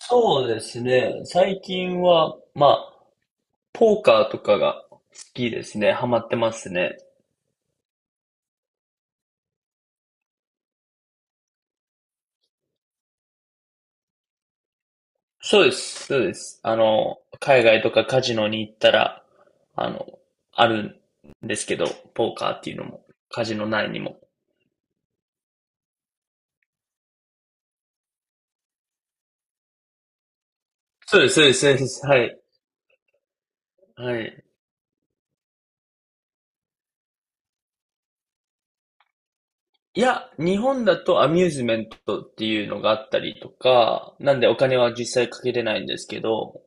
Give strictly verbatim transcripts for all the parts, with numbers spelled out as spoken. そうですね。最近は、まあ、ポーカーとかが好きですね。ハマってますね。そうです。そうです。あの、海外とかカジノに行ったら、あの、あるんですけど、ポーカーっていうのも、カジノ内にも。そうです、そうです、そうです。はい。はい。いや、日本だとアミューズメントっていうのがあったりとか、なんでお金は実際かけれないんですけど、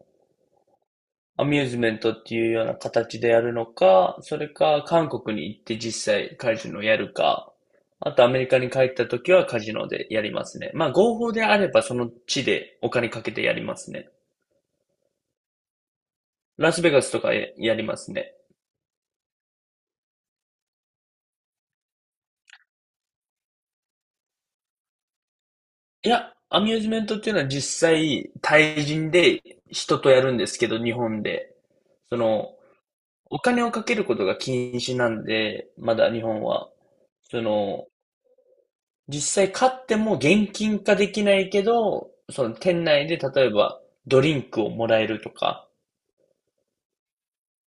アミューズメントっていうような形でやるのか、それか韓国に行って実際カジノをやるか、あとアメリカに帰った時はカジノでやりますね。まあ合法であればその地でお金かけてやりますね。ラスベガスとかややりますね。いや、アミューズメントっていうのは実際対人で人とやるんですけど、日本で。その、お金をかけることが禁止なんで、まだ日本は。その、実際買っても現金化できないけど、その店内で例えばドリンクをもらえるとか、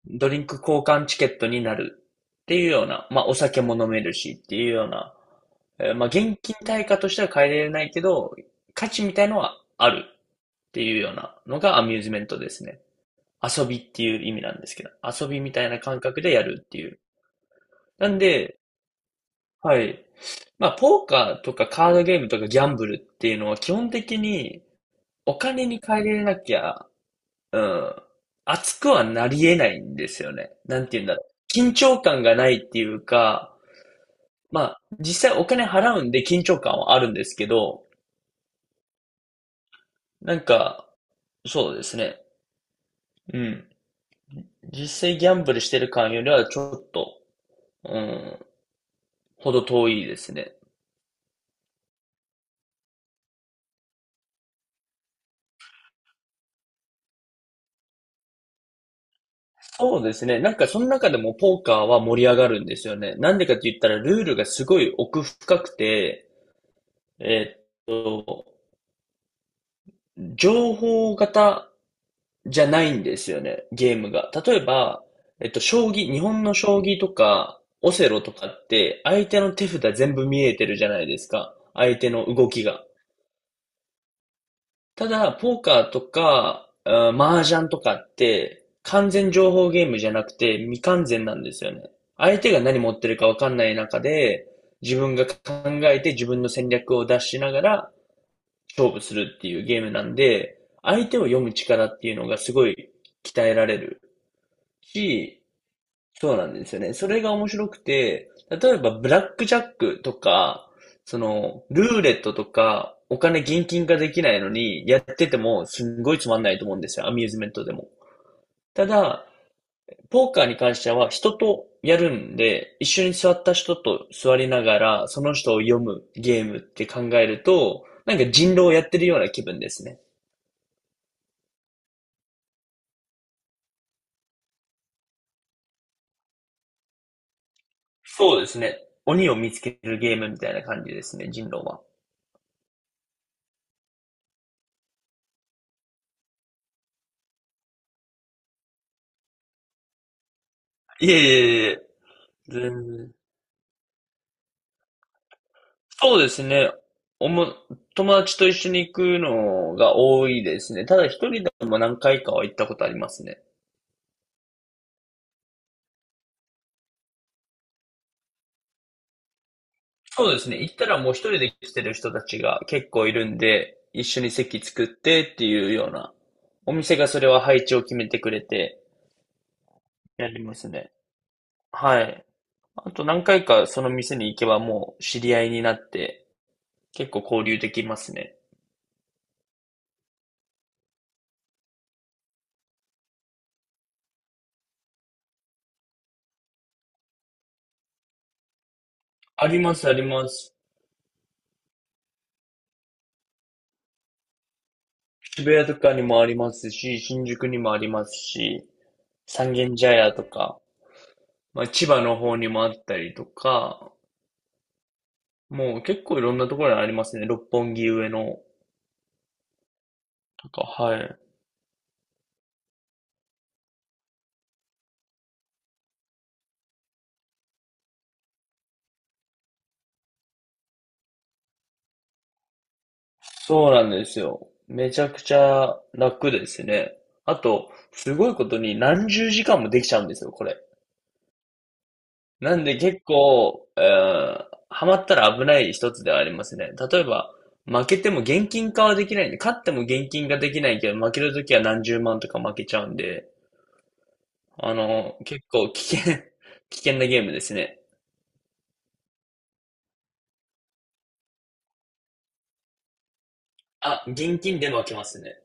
ドリンク交換チケットになるっていうような、まあお酒も飲めるしっていうような、えーまあ現金対価としては変えられないけど、価値みたいのはあるっていうようなのがアミューズメントですね。遊びっていう意味なんですけど、遊びみたいな感覚でやるっていう。なんで、はい。まあ、ポーカーとかカードゲームとかギャンブルっていうのは基本的にお金に換えれなきゃ、うん、熱くはなり得ないんですよね。なんて言うんだろう。緊張感がないっていうか、まあ、実際お金払うんで緊張感はあるんですけど、なんか、そうですね。うん。実際ギャンブルしてる感よりはちょっと、うん、ほど遠いですね。そうですね。なんかその中でもポーカーは盛り上がるんですよね。なんでかって言ったらルールがすごい奥深くて、えーっと、情報型じゃないんですよね、ゲームが。例えば、えっと、将棋、日本の将棋とか、オセロとかって、相手の手札全部見えてるじゃないですか。相手の動きが。ただ、ポーカーとか、あー麻雀とかって、完全情報ゲームじゃなくて、未完全なんですよね。相手が何持ってるかわかんない中で、自分が考えて自分の戦略を出しながら勝負するっていうゲームなんで、相手を読む力っていうのがすごい鍛えられる。し、そうなんですよね。それが面白くて、例えばブラックジャックとか、その、ルーレットとか、お金現金化できないのに、やっててもすんごいつまんないと思うんですよ。アミューズメントでも。ただ、ポーカーに関しては人とやるんで、一緒に座った人と座りながら、その人を読むゲームって考えると、なんか人狼をやってるような気分ですね。そうですね。鬼を見つけるゲームみたいな感じですね、人狼は。いえいえいえ、全然。そうですね。おも、友達と一緒に行くのが多いですね。ただ一人でも何回かは行ったことありますね。そうですね。行ったらもう一人で来てる人たちが結構いるんで、一緒に席作ってっていうような、お店がそれは配置を決めてくれてやりますね。はい。あと何回かその店に行けばもう知り合いになって結構交流できますね。ありますあります。渋谷とかにもありますし、新宿にもありますし、三軒茶屋とか、まあ、千葉の方にもあったりとか、もう結構いろんなところにありますね。六本木上のとか、はい。そうなんですよ。めちゃくちゃ楽ですね。あと、すごいことに何十時間もできちゃうんですよ、これ。なんで結構、えー、ハマったら危ない一つではありますね。例えば、負けても現金化はできないんで、勝っても現金化できないけど、負けるときは何十万とか負けちゃうんで、あの、結構危険 危険なゲームですね。あ、現金で負けますね。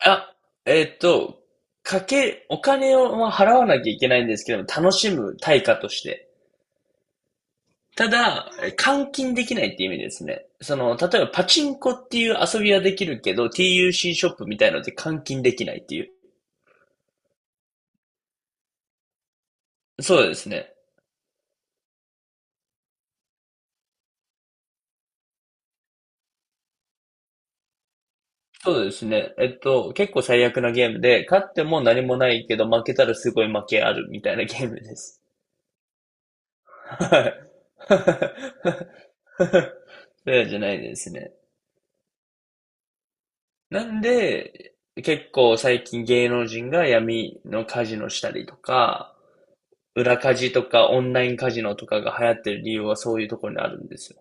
あ、えっと、かけ、お金をまあ払わなきゃいけないんですけども、楽しむ対価として。ただ、え換金できないって意味ですね。その、例えばパチンコっていう遊びはできるけど、ティーユーシー シーショップみたいので換金できないっていう。そうですね。そうですね。えっと、結構最悪なゲームで、勝っても何もないけど、負けたらすごい負けあるみたいなゲームです。はい。そうじゃないですね。なんで、結構最近芸能人が闇のカジノしたりとか、裏カジとかオンラインカジノとかが流行ってる理由はそういうところにあるんですよ。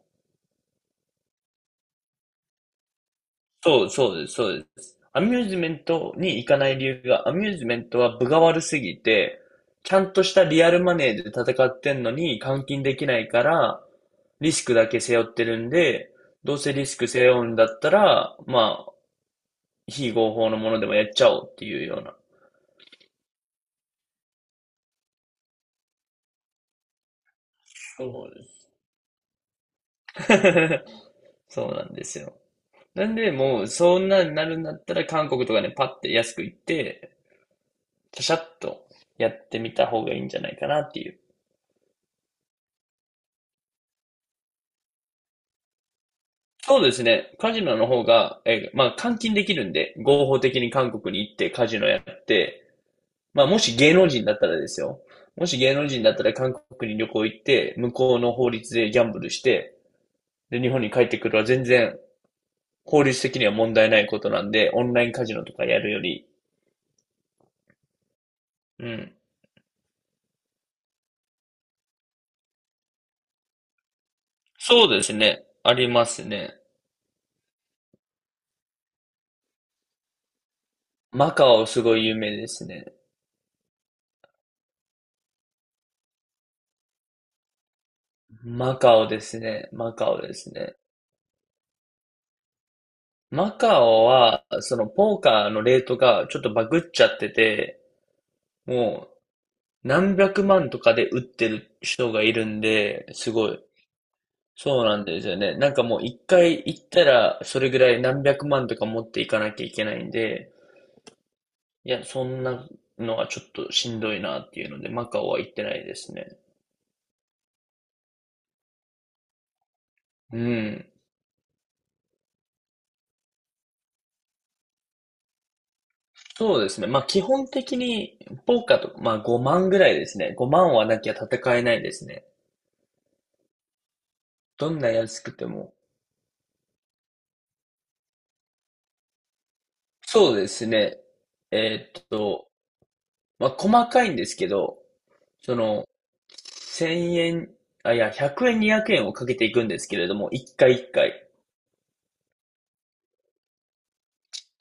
そう、そうです、そうです。アミューズメントに行かない理由が、アミューズメントは分が悪すぎて、ちゃんとしたリアルマネーで戦ってんのに換金できないから、リスクだけ背負ってるんで、どうせリスク背負うんだったら、まあ、非合法のものでもやっちゃおうっていうようなそうです。そうなんですよ。なんで、もう、そんなになるんだったら、韓国とかね、パッて安く行って、シャシャッとやってみた方がいいんじゃないかなっていう。そうですね。カジノの方が、えーまあ、換金できるんで、合法的に韓国に行ってカジノやって、まあ、もし芸能人だったらですよ。もし芸能人だったら韓国に旅行行って、向こうの法律でギャンブルして、で、日本に帰ってくるは全然、法律的には問題ないことなんで、オンラインカジノとかやるより、うん、そうですね。ありますね。マカオすごい有名ですね。マカオですね。マカオですね。マカオは、そのポーカーのレートがちょっとバグっちゃってて、もう何百万とかで打ってる人がいるんで、すごい。そうなんですよね。なんかもう一回行ったら、それぐらい何百万とか持っていかなきゃいけないんで、いや、そんなのはちょっとしんどいなっていうので、マカオは行ってないですね。うん。そうですね。まあ基本的に、ポーカーとか、まあごまんぐらいですね。ごまんはなきゃ戦えないですね。どんな安くても。そうですね。えーっと、まあ細かいんですけど、その、せんえん、あ、いや、ひゃくえん、にひゃくえんをかけていくんですけれども、いっかいいっかい。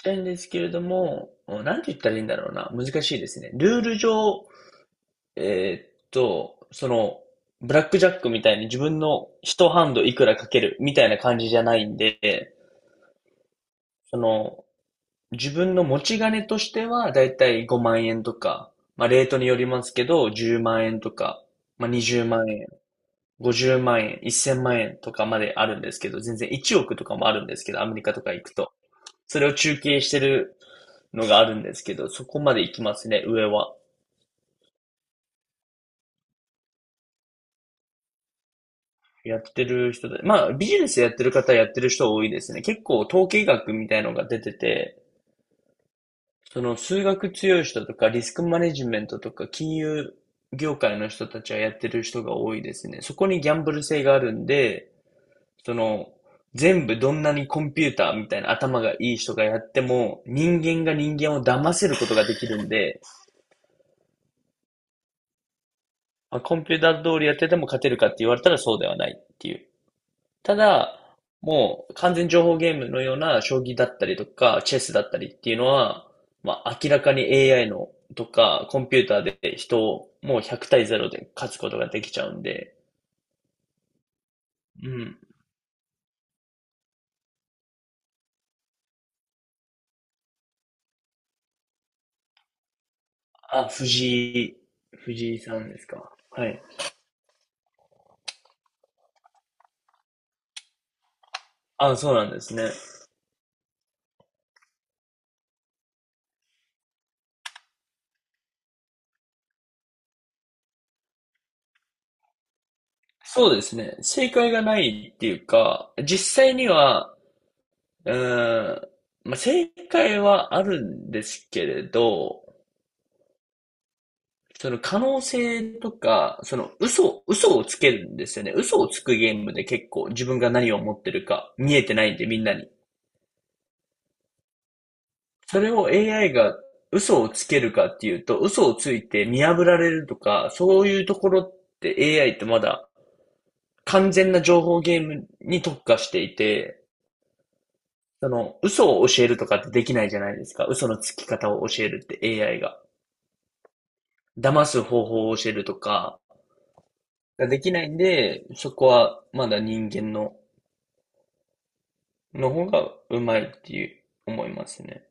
なんですけれども、なんて言ったらいいんだろうな。難しいですね。ルール上、えーっと、その、ブラックジャックみたいに自分の一ハンドいくらかけるみたいな感じじゃないんで、その、自分の持ち金としてはだいたいごまん円とか、まあレートによりますけど、じゅうまん円とか、まあにじゅうまん円、ごじゅうまん円、いっせんまん円とかまであるんですけど、全然いちおくとかもあるんですけど、アメリカとか行くと。それを中継してるのがあるんですけど、そこまで行きますね、上は。やってる人で、まあ、ビジネスやってる方やってる人多いですね。結構統計学みたいのが出てて、その数学強い人とかリスクマネジメントとか金融業界の人たちはやってる人が多いですね。そこにギャンブル性があるんで、その、全部どんなにコンピューターみたいな頭がいい人がやっても、人間が人間を騙せることができるんで、まあ、コンピューター通りやってても勝てるかって言われたらそうではないっていう。ただ、もう完全情報ゲームのような将棋だったりとか、チェスだったりっていうのは、まあ明らかに エーアイ のとか、コンピューターで人をもうひゃく対ゼロで勝つことができちゃうんで、うん。あ、藤井、藤井さんですか。はい。あ、そうなんですね。そうですね。正解がないっていうか、実際には、うーん、まあ、正解はあるんですけれど、その可能性とか、その嘘、嘘をつけるんですよね。嘘をつくゲームで結構自分が何を持ってるか見えてないんでみんなに。それを エーアイ が嘘をつけるかっていうと、嘘をついて見破られるとか、そういうところって エーアイ ってまだ完全な情報ゲームに特化していて、その嘘を教えるとかってできないじゃないですか。嘘のつき方を教えるって エーアイ が。騙す方法を教えるとか、ができないんで、そこはまだ人間のの方がうまいっていう思いますね。